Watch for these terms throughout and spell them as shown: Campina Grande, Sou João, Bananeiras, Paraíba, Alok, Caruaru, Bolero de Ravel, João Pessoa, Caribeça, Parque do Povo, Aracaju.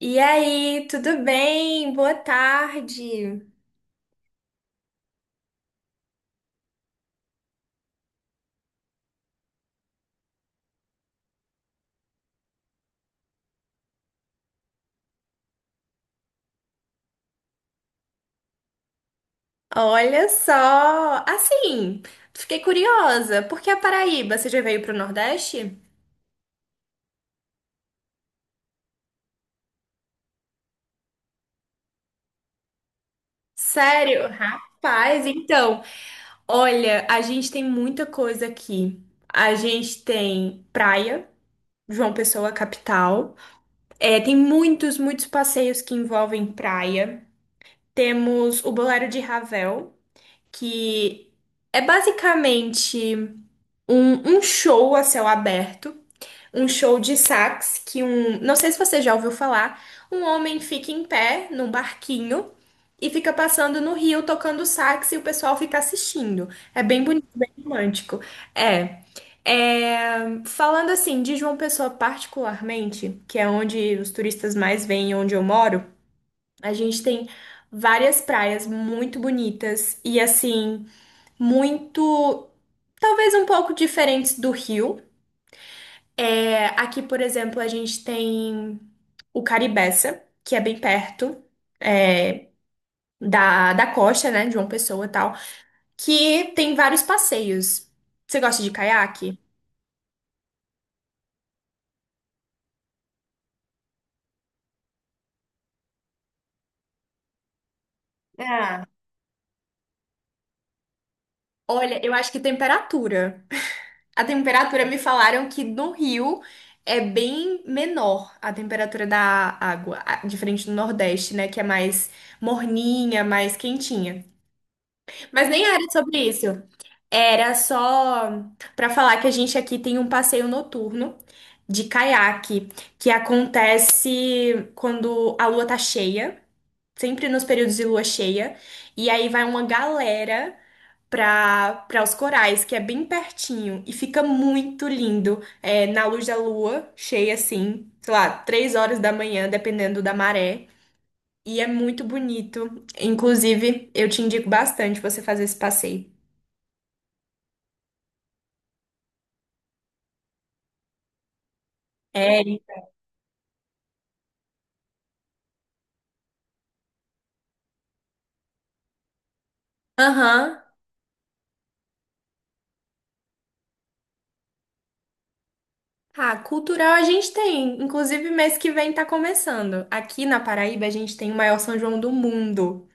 E aí, tudo bem? Boa tarde. Olha só, assim, fiquei curiosa, por que a Paraíba? Você já veio para o Nordeste? Sério? Rapaz, então, olha, a gente tem muita coisa aqui. A gente tem praia, João Pessoa, capital. É, tem muitos, muitos passeios que envolvem praia. Temos o Bolero de Ravel, que é basicamente um show a céu aberto, um show de sax que não sei se você já ouviu falar, um homem fica em pé num barquinho e fica passando no rio tocando sax e o pessoal fica assistindo. É bem bonito, bem romântico. É. É, falando assim de João Pessoa particularmente, que é onde os turistas mais vêm, e onde eu moro, a gente tem várias praias muito bonitas e assim muito, talvez um pouco diferentes do Rio. É, aqui, por exemplo, a gente tem o Caribeça, que é bem perto, é, da costa, né, de João Pessoa e tal, que tem vários passeios. Você gosta de caiaque? Ah, olha, eu acho que temperatura. A temperatura me falaram que no Rio é bem menor a temperatura da água, diferente do Nordeste, né? Que é mais morninha, mais quentinha. Mas nem era sobre isso. Era só para falar que a gente aqui tem um passeio noturno de caiaque que acontece quando a lua tá cheia, sempre nos períodos de lua cheia, e aí vai uma galera para os corais, que é bem pertinho e fica muito lindo, é, na luz da lua cheia assim, sei lá, 3 horas da manhã, dependendo da maré. E é muito bonito. Inclusive, eu te indico bastante você fazer esse passeio. É. Aham. Ah, cultural a gente tem. Inclusive, mês que vem tá começando. Aqui na Paraíba, a gente tem o maior São João do mundo,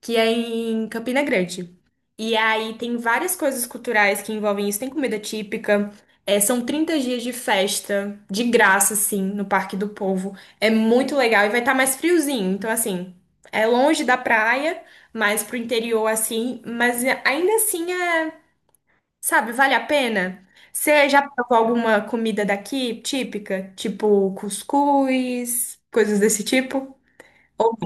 que é em Campina Grande. E aí tem várias coisas culturais que envolvem isso. Tem comida típica. É, são 30 dias de festa, de graça, assim, no Parque do Povo. É muito legal e vai estar mais friozinho. Então, assim, é longe da praia, mais pro interior, assim. Mas ainda assim é. Sabe, vale a pena? Você já provou alguma comida daqui típica? Tipo cuscuz, coisas desse tipo? Ou-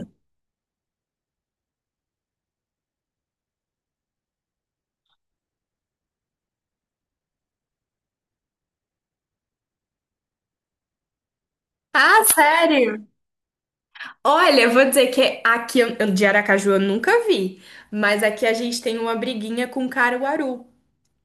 Ah, sério? Olha, eu vou dizer que aqui de Aracaju eu nunca vi, mas aqui a gente tem uma briguinha com Caruaru.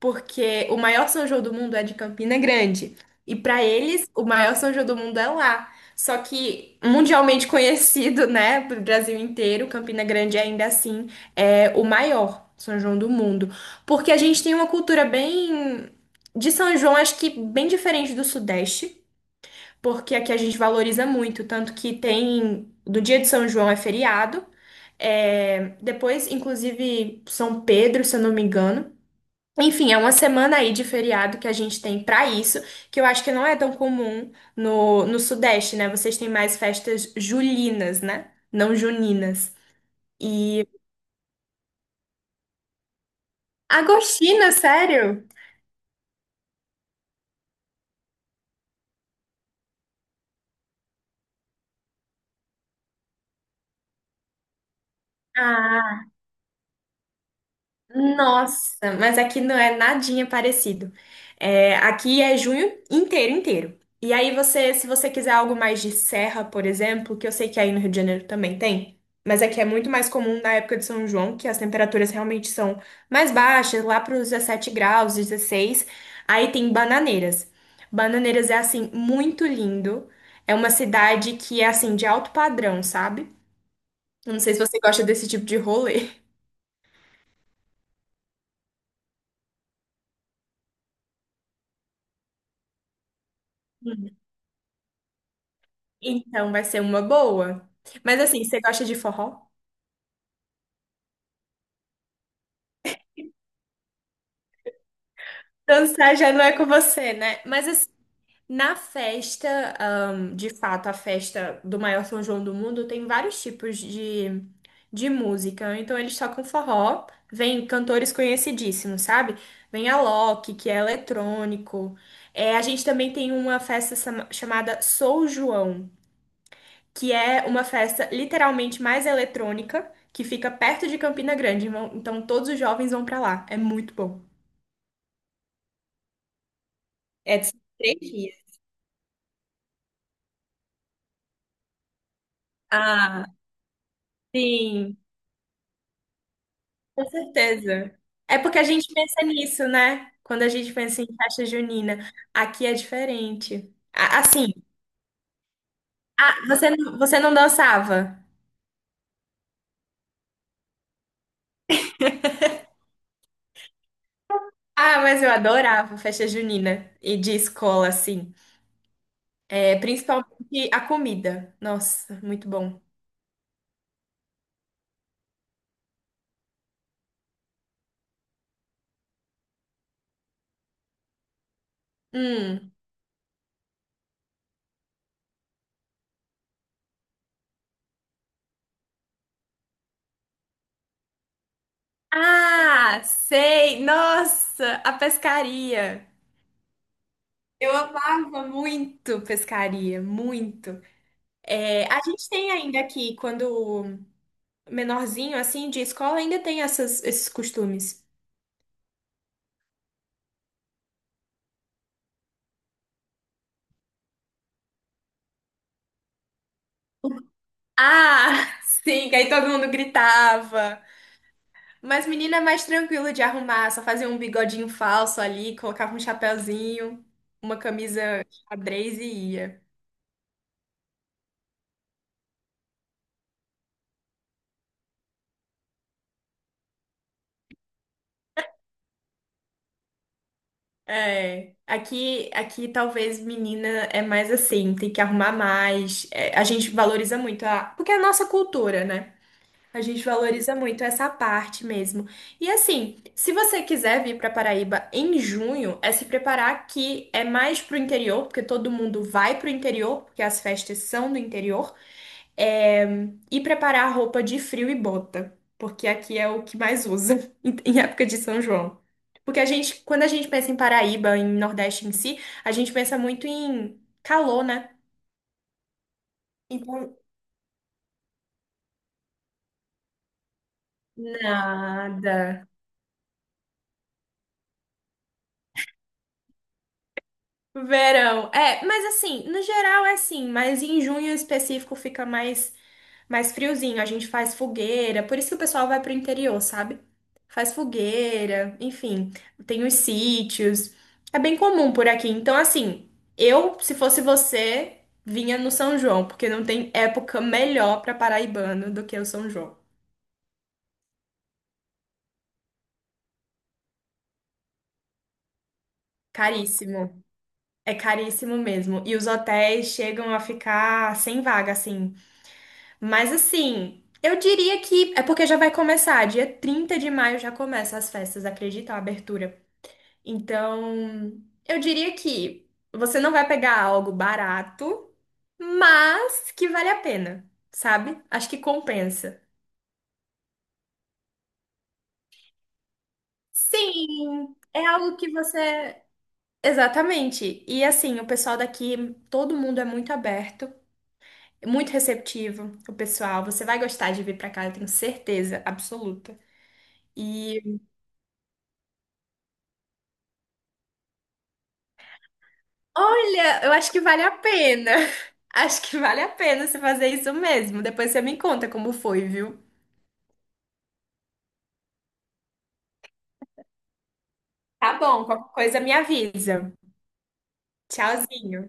Porque o maior São João do mundo é de Campina Grande. E para eles, o maior São João do mundo é lá. Só que mundialmente conhecido, né, pro Brasil inteiro, Campina Grande ainda assim é o maior São João do mundo, porque a gente tem uma cultura bem de São João, acho que bem diferente do Sudeste, porque aqui a gente valoriza muito, tanto que tem do dia de São João é feriado. É, depois, inclusive, São Pedro, se eu não me engano. Enfim, é uma semana aí de feriado que a gente tem pra isso, que eu acho que não é tão comum no, no Sudeste, né? Vocês têm mais festas julinas, né? Não juninas. E agostinas, sério? Ah, nossa, mas aqui não é nadinha parecido. É, aqui é junho inteiro, inteiro. E aí você, se você quiser algo mais de serra, por exemplo, que eu sei que aí no Rio de Janeiro também tem, mas aqui é muito mais comum na época de São João, que as temperaturas realmente são mais baixas, lá para os 17 graus, 16. Aí tem Bananeiras. Bananeiras é assim muito lindo. É uma cidade que é assim de alto padrão, sabe? Eu não sei se você gosta desse tipo de rolê. Então vai ser uma boa. Mas assim, você gosta de forró? Dançar já não é com você, né? Mas assim, na festa, de fato, a festa do maior São João do mundo tem vários tipos de música. Então eles tocam forró, vem cantores conhecidíssimos, sabe? Vem Alok, que é eletrônico. É, a gente também tem uma festa chamada Sou João, que é uma festa literalmente mais eletrônica, que fica perto de Campina Grande. Então todos os jovens vão pra lá. É muito bom. É de 3 dias. Ah, sim, com certeza. É porque a gente pensa nisso, né? Quando a gente pensa em festa junina, aqui é diferente. A- Assim, ah, você não dançava? Ah, mas eu adorava festa junina e de escola, assim. É, principalmente a comida. Nossa, muito bom. Hum. Ah, sei! Nossa, a pescaria. Eu amava muito pescaria, muito. É, a gente tem ainda aqui, quando menorzinho, assim, de escola, ainda tem esses costumes. Ah, sim, que aí todo mundo gritava. Mas menina é mais tranquilo de arrumar, só fazia um bigodinho falso ali, colocava um chapéuzinho, uma camisa xadrez e ia. É, aqui, aqui talvez menina é mais assim, tem que arrumar mais. É, a gente valoriza muito a, porque é a nossa cultura, né? A gente valoriza muito essa parte mesmo. E assim, se você quiser vir para Paraíba em junho, é se preparar que é mais pro interior, porque todo mundo vai pro interior, porque as festas são do interior. É, e preparar roupa de frio e bota, porque aqui é o que mais usa em época de São João. Porque a gente, quando a gente pensa em Paraíba, em Nordeste em si, a gente pensa muito em calor, né? Então, nada. Verão. É, mas assim, no geral é assim, mas em junho em específico fica mais. Mais friozinho, a gente faz fogueira, por isso que o pessoal vai pro interior, sabe? Faz fogueira, enfim, tem os sítios. É bem comum por aqui. Então, assim, eu, se fosse você, vinha no São João, porque não tem época melhor pra paraibano do que o São João. Caríssimo. É caríssimo mesmo. E os hotéis chegam a ficar sem vaga, assim. Mas assim, eu diria que é porque já vai começar. Dia 30 de maio já começa as festas, acredita? A abertura. Então, eu diria que você não vai pegar algo barato, mas que vale a pena, sabe? Acho que compensa. Sim, é algo que você. Exatamente. E assim, o pessoal daqui, todo mundo é muito aberto, muito receptivo, o pessoal. Você vai gostar de vir pra cá, eu tenho certeza absoluta. E olha, eu acho que vale a pena. Acho que vale a pena você fazer isso mesmo. Depois você me conta como foi, viu? Tá bom, qualquer coisa me avisa. Tchauzinho.